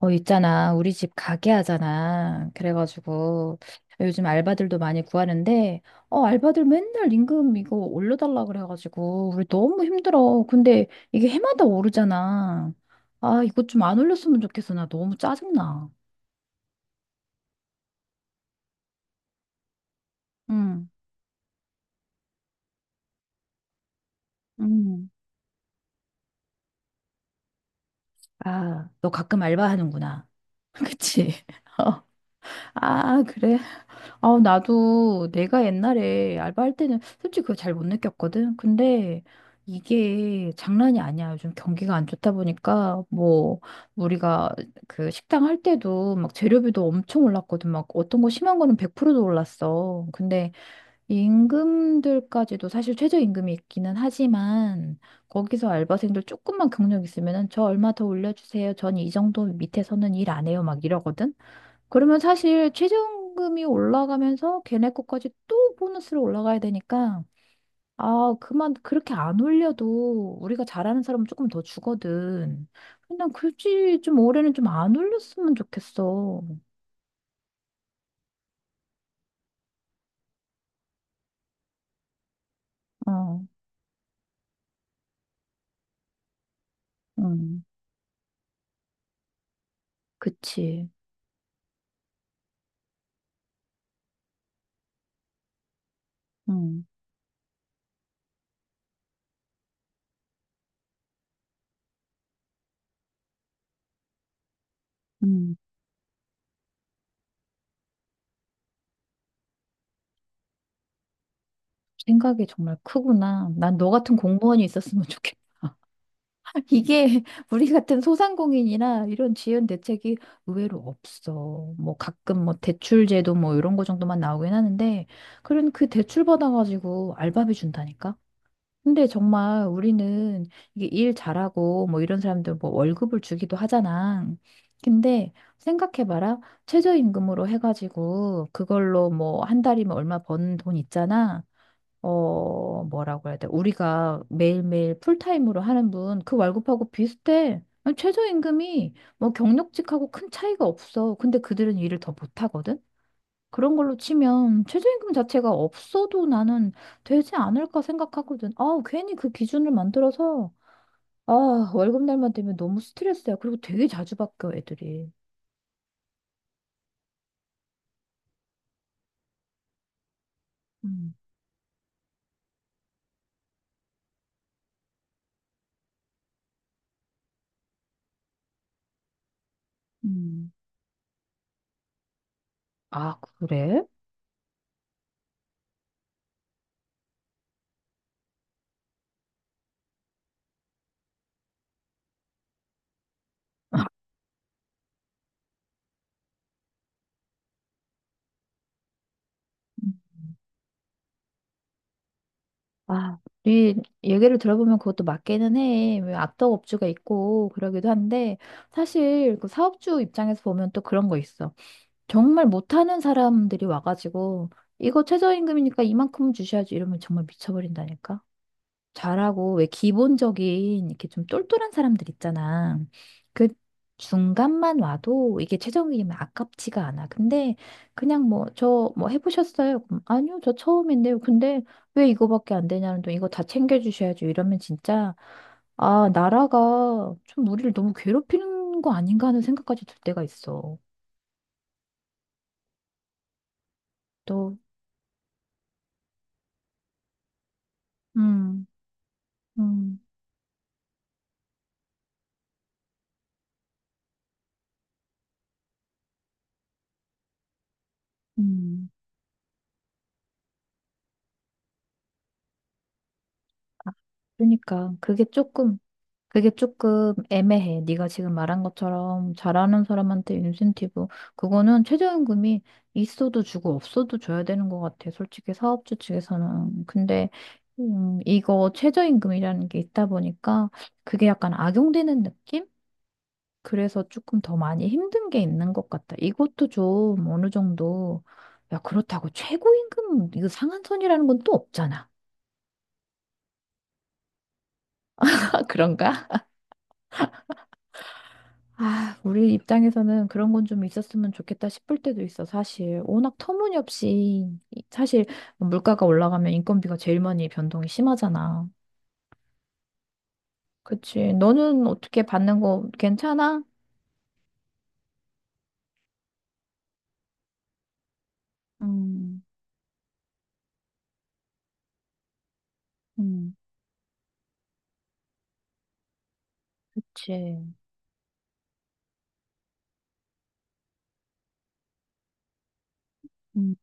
있잖아. 우리 집 가게 하잖아. 그래가지고 요즘 알바들도 많이 구하는데, 알바들 맨날 임금 이거 올려달라 그래가지고 우리 너무 힘들어. 근데 이게 해마다 오르잖아. 아, 이거 좀 안 올렸으면 좋겠어. 나 너무 짜증나. 응. 응. 아, 너 가끔 알바하는구나. 그치? 어. 아, 그래. 아, 나도 내가 옛날에 알바할 때는 솔직히 그거 잘 못 느꼈거든. 근데 이게 장난이 아니야. 요즘 경기가 안 좋다 보니까 뭐 우리가 그 식당 할 때도 막 재료비도 엄청 올랐거든. 막 어떤 거 심한 거는 100%도 올랐어. 근데 임금들까지도 사실 최저임금이 있기는 하지만 거기서 알바생들 조금만 경력 있으면은 저 얼마 더 올려주세요. 전 이 정도 밑에서는 일 안 해요. 막 이러거든. 그러면 사실 최저임금이 올라가면서 걔네 거까지 또 보너스로 올라가야 되니까, 아, 그렇게 안 올려도 우리가 잘하는 사람은 조금 더 주거든. 그냥 굳이 좀 올해는 좀 안 올렸으면 좋겠어. 어. 음. 그치. 음. 음. 생각이 정말 크구나. 난 너 같은 공무원이 있었으면 좋겠어. 이게 우리 같은 소상공인이나 이런 지연 대책이 의외로 없어. 뭐 가끔 뭐 대출 제도 뭐 이런 거 정도만 나오긴 하는데 그런 그 대출 받아가지고 알바비 준다니까. 근데 정말 우리는 이게 일 잘하고 뭐 이런 사람들 뭐 월급을 주기도 하잖아. 근데 생각해봐라. 최저임금으로 해가지고 그걸로 뭐 한 달이면 얼마 번 돈 있잖아. 뭐라고 해야 돼? 우리가 매일매일 풀타임으로 하는 분, 그 월급하고 비슷해. 아니, 최저임금이 뭐 경력직하고 큰 차이가 없어. 근데 그들은 일을 더 못하거든? 그런 걸로 치면 최저임금 자체가 없어도 나는 되지 않을까 생각하거든. 아, 괜히 그 기준을 만들어서, 아, 월급 날만 되면 너무 스트레스야. 그리고 되게 자주 바뀌어, 애들이. 음. 음. 아, 그래? 아, 네 얘기를 들어보면 그것도 맞기는 해. 왜 악덕업주가 있고 그러기도 한데 사실 그 사업주 입장에서 보면 또 그런 거 있어. 정말 못하는 사람들이 와가지고 이거 최저임금이니까 이만큼 주셔야지 이러면 정말 미쳐버린다니까. 잘하고 왜 기본적인 이렇게 좀 똘똘한 사람들 있잖아. 그 중간만 와도 이게 최종이면 아깝지가 않아. 근데 그냥 뭐 저 뭐 해보셨어요? 그럼 아니요, 저 처음인데요. 근데 왜 이거밖에 안 되냐는 또 이거 다 챙겨주셔야죠. 이러면 진짜 아 나라가 좀 우리를 너무 괴롭히는 거 아닌가 하는 생각까지 들 때가 있어. 또. 음. 음. 음. 아, 그러니까 그게 조금 애매해. 네가 지금 말한 것처럼 잘하는 사람한테 인센티브 그거는 최저임금이 있어도 주고 없어도 줘야 되는 것 같아. 솔직히 사업주 측에서는. 근데 이거 최저임금이라는 게 있다 보니까 그게 약간 악용되는 느낌? 그래서 조금 더 많이 힘든 게 있는 것 같다. 이것도 좀 어느 정도. 야, 그렇다고 최고임금 이거 상한선이라는 건 또 없잖아. 그런가? 아, 우리 입장에서는 그런 건 좀 있었으면 좋겠다 싶을 때도 있어, 사실. 워낙 터무니없이, 사실 뭐 물가가 올라가면 인건비가 제일 많이 변동이 심하잖아. 그치. 너는 어떻게 받는 거 괜찮아? 음. 음. 그치. 음.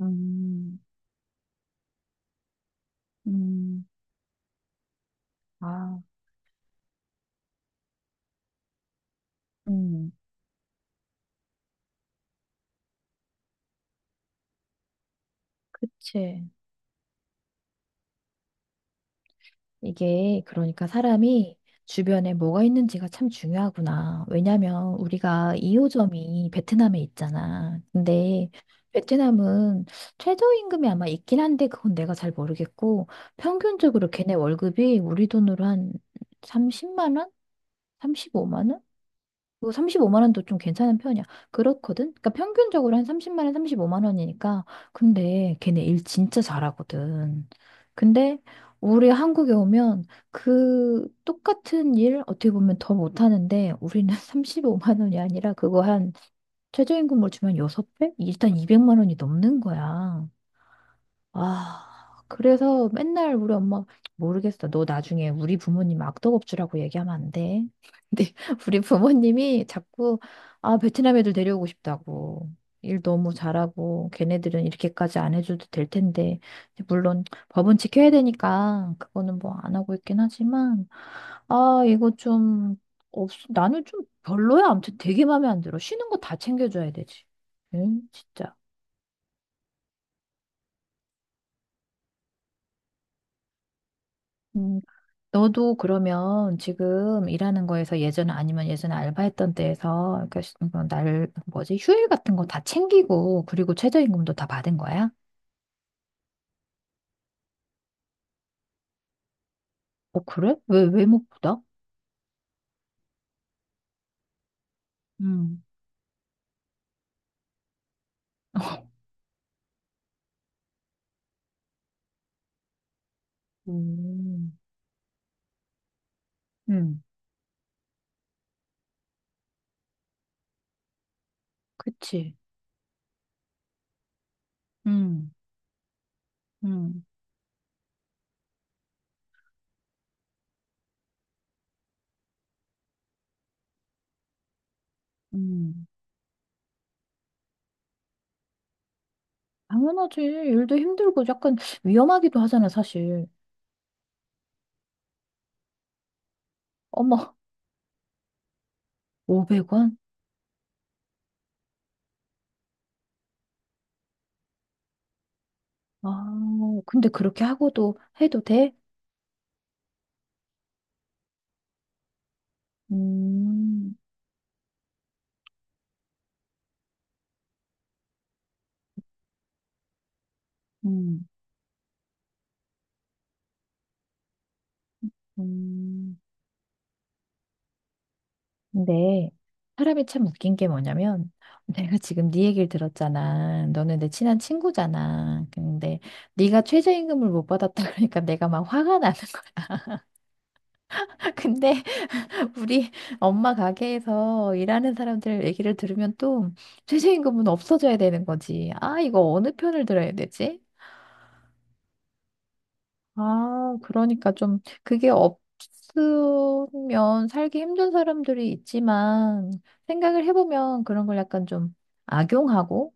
음. 음. 아. 음. 그치. 이게 그러니까 사람이 주변에 뭐가 있는지가 참 중요하구나. 왜냐면 우리가 2호점이 베트남에 있잖아. 근데 베트남은 최저임금이 아마 있긴 한데 그건 내가 잘 모르겠고 평균적으로 걔네 월급이 우리 돈으로 한 30만 원? 35만 원? 뭐 35만 원도 좀 괜찮은 편이야. 그렇거든? 그러니까 평균적으로 한 30만 원, 35만 원이니까. 근데 걔네 일 진짜 잘하거든. 근데 우리 한국에 오면 그 똑같은 일 어떻게 보면 더 못하는데 우리는 35만 원이 아니라 그거 한 최저임금으로 주면 6배 일단 200만 원이 넘는 거야. 아, 그래서 맨날 우리 엄마 모르겠어. 너 나중에 우리 부모님 악덕업주라고 얘기하면 안 돼. 근데 우리 부모님이 자꾸 아, 베트남 애들 데려오고 싶다고. 일 너무 잘하고 걔네들은 이렇게까지 안 해줘도 될 텐데. 근데 물론 법은 지켜야 되니까 그거는 뭐 안 하고 있긴 하지만 아, 이거 좀 나는 좀 별로야. 아무튼 되게 마음에 안 들어. 쉬는 거 다 챙겨줘야 되지. 응, 진짜. 음. 너도 그러면 지금 일하는 거에서 예전 아니면 예전에 알바했던 때에서 그러니까 뭐날 뭐지 휴일 같은 거 다 챙기고 그리고 최저임금도 다 받은 거야? 어 그래? 왜 못 받아? 음. 음. 음. 그치. 음. 음. 음. 당연하지. 일도 힘들고 약간 위험하기도 하잖아, 사실. 어머, 500원? 아, 근데 그렇게 하고도 해도 돼? 음. 음. 음. 근데 사람이 참 웃긴 게 뭐냐면 내가 지금 네 얘기를 들었잖아. 너는 내 친한 친구잖아. 근데 네가 최저임금을 못 받았다 그러니까 내가 막 화가 나는 거야. 근데 우리 엄마 가게에서 일하는 사람들 얘기를 들으면 또 최저임금은 없어져야 되는 거지. 아, 이거 어느 편을 들어야 되지? 아, 그러니까 좀 그게 없으면 살기 힘든 사람들이 있지만 생각을 해보면 그런 걸 약간 좀 악용하고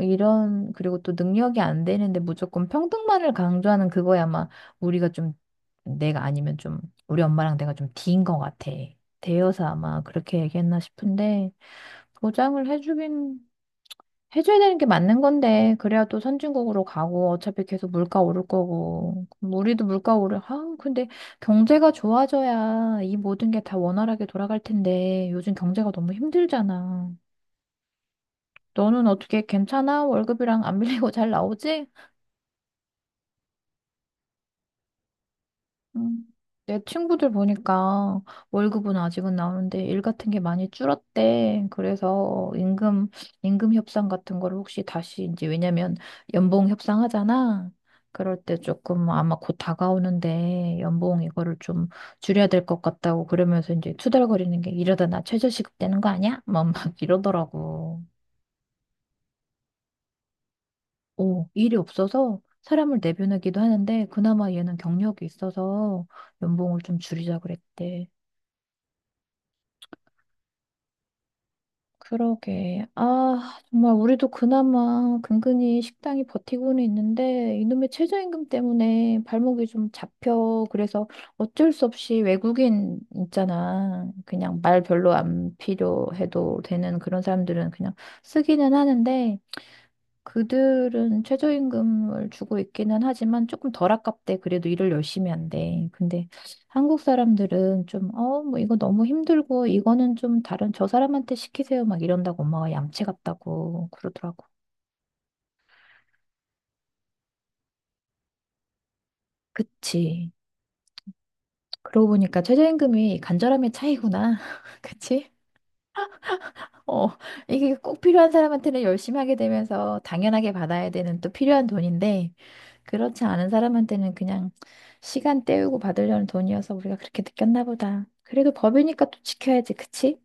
이런, 그리고 또 능력이 안 되는데 무조건 평등만을 강조하는 그거야 아마 우리가 좀, 내가 아니면 좀, 우리 엄마랑 내가 좀 D인 것 같아. 대여서 아마 그렇게 얘기했나 싶은데, 보장을 해주긴, 해줘야 되는 게 맞는 건데, 그래야 또 선진국으로 가고, 어차피 계속 물가 오를 거고, 그럼 우리도 물가 오를, 아, 근데 경제가 좋아져야 이 모든 게 다 원활하게 돌아갈 텐데, 요즘 경제가 너무 힘들잖아. 너는 어떻게 괜찮아? 월급이랑 안 밀리고 잘 나오지? 음, 내 친구들 보니까 월급은 아직은 나오는데 일 같은 게 많이 줄었대. 그래서 임금 협상 같은 걸 혹시 다시 이제 왜냐면 연봉 협상하잖아. 그럴 때 조금 아마 곧 다가오는데 연봉 이거를 좀 줄여야 될 것 같다고 그러면서 이제 투덜거리는 게 이러다 나 최저시급 되는 거 아니야? 막 이러더라고. 일이 없어서 사람을 내보내기도 하는데 그나마 얘는 경력이 있어서 연봉을 좀 줄이자 그랬대. 그러게. 아, 정말 우리도 그나마 근근히 식당이 버티고는 있는데 이놈의 최저임금 때문에 발목이 좀 잡혀. 그래서 어쩔 수 없이 외국인 있잖아. 그냥 말 별로 안 필요해도 되는 그런 사람들은 그냥 쓰기는 하는데 그들은 최저임금을 주고 있기는 하지만 조금 덜 아깝대. 그래도 일을 열심히 한대. 근데 한국 사람들은 좀, 뭐 이거 너무 힘들고 이거는 좀 다른 저 사람한테 시키세요. 막 이런다고 엄마가 얌체 같다고 그러더라고. 그치. 그러고 보니까 최저임금이 간절함의 차이구나. 그치? 어, 이게 꼭 필요한 사람한테는 열심히 하게 되면서 당연하게 받아야 되는 또 필요한 돈인데, 그렇지 않은 사람한테는 그냥 시간 때우고 받으려는 돈이어서 우리가 그렇게 느꼈나 보다. 그래도 법이니까 또 지켜야지, 그치?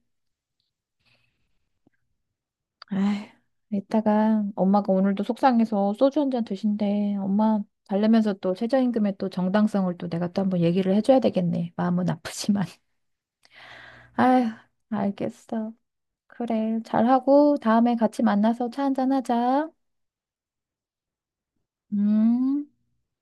아휴, 이따가 엄마가 오늘도 속상해서 소주 한잔 드신대. 엄마 달래면서 또 최저임금의 또 정당성을 또 내가 또 한번 얘기를 해줘야 되겠네. 마음은 아프지만. 아휴, 알겠어. 그래, 잘하고 다음에 같이 만나서 차 한잔 하자. 음.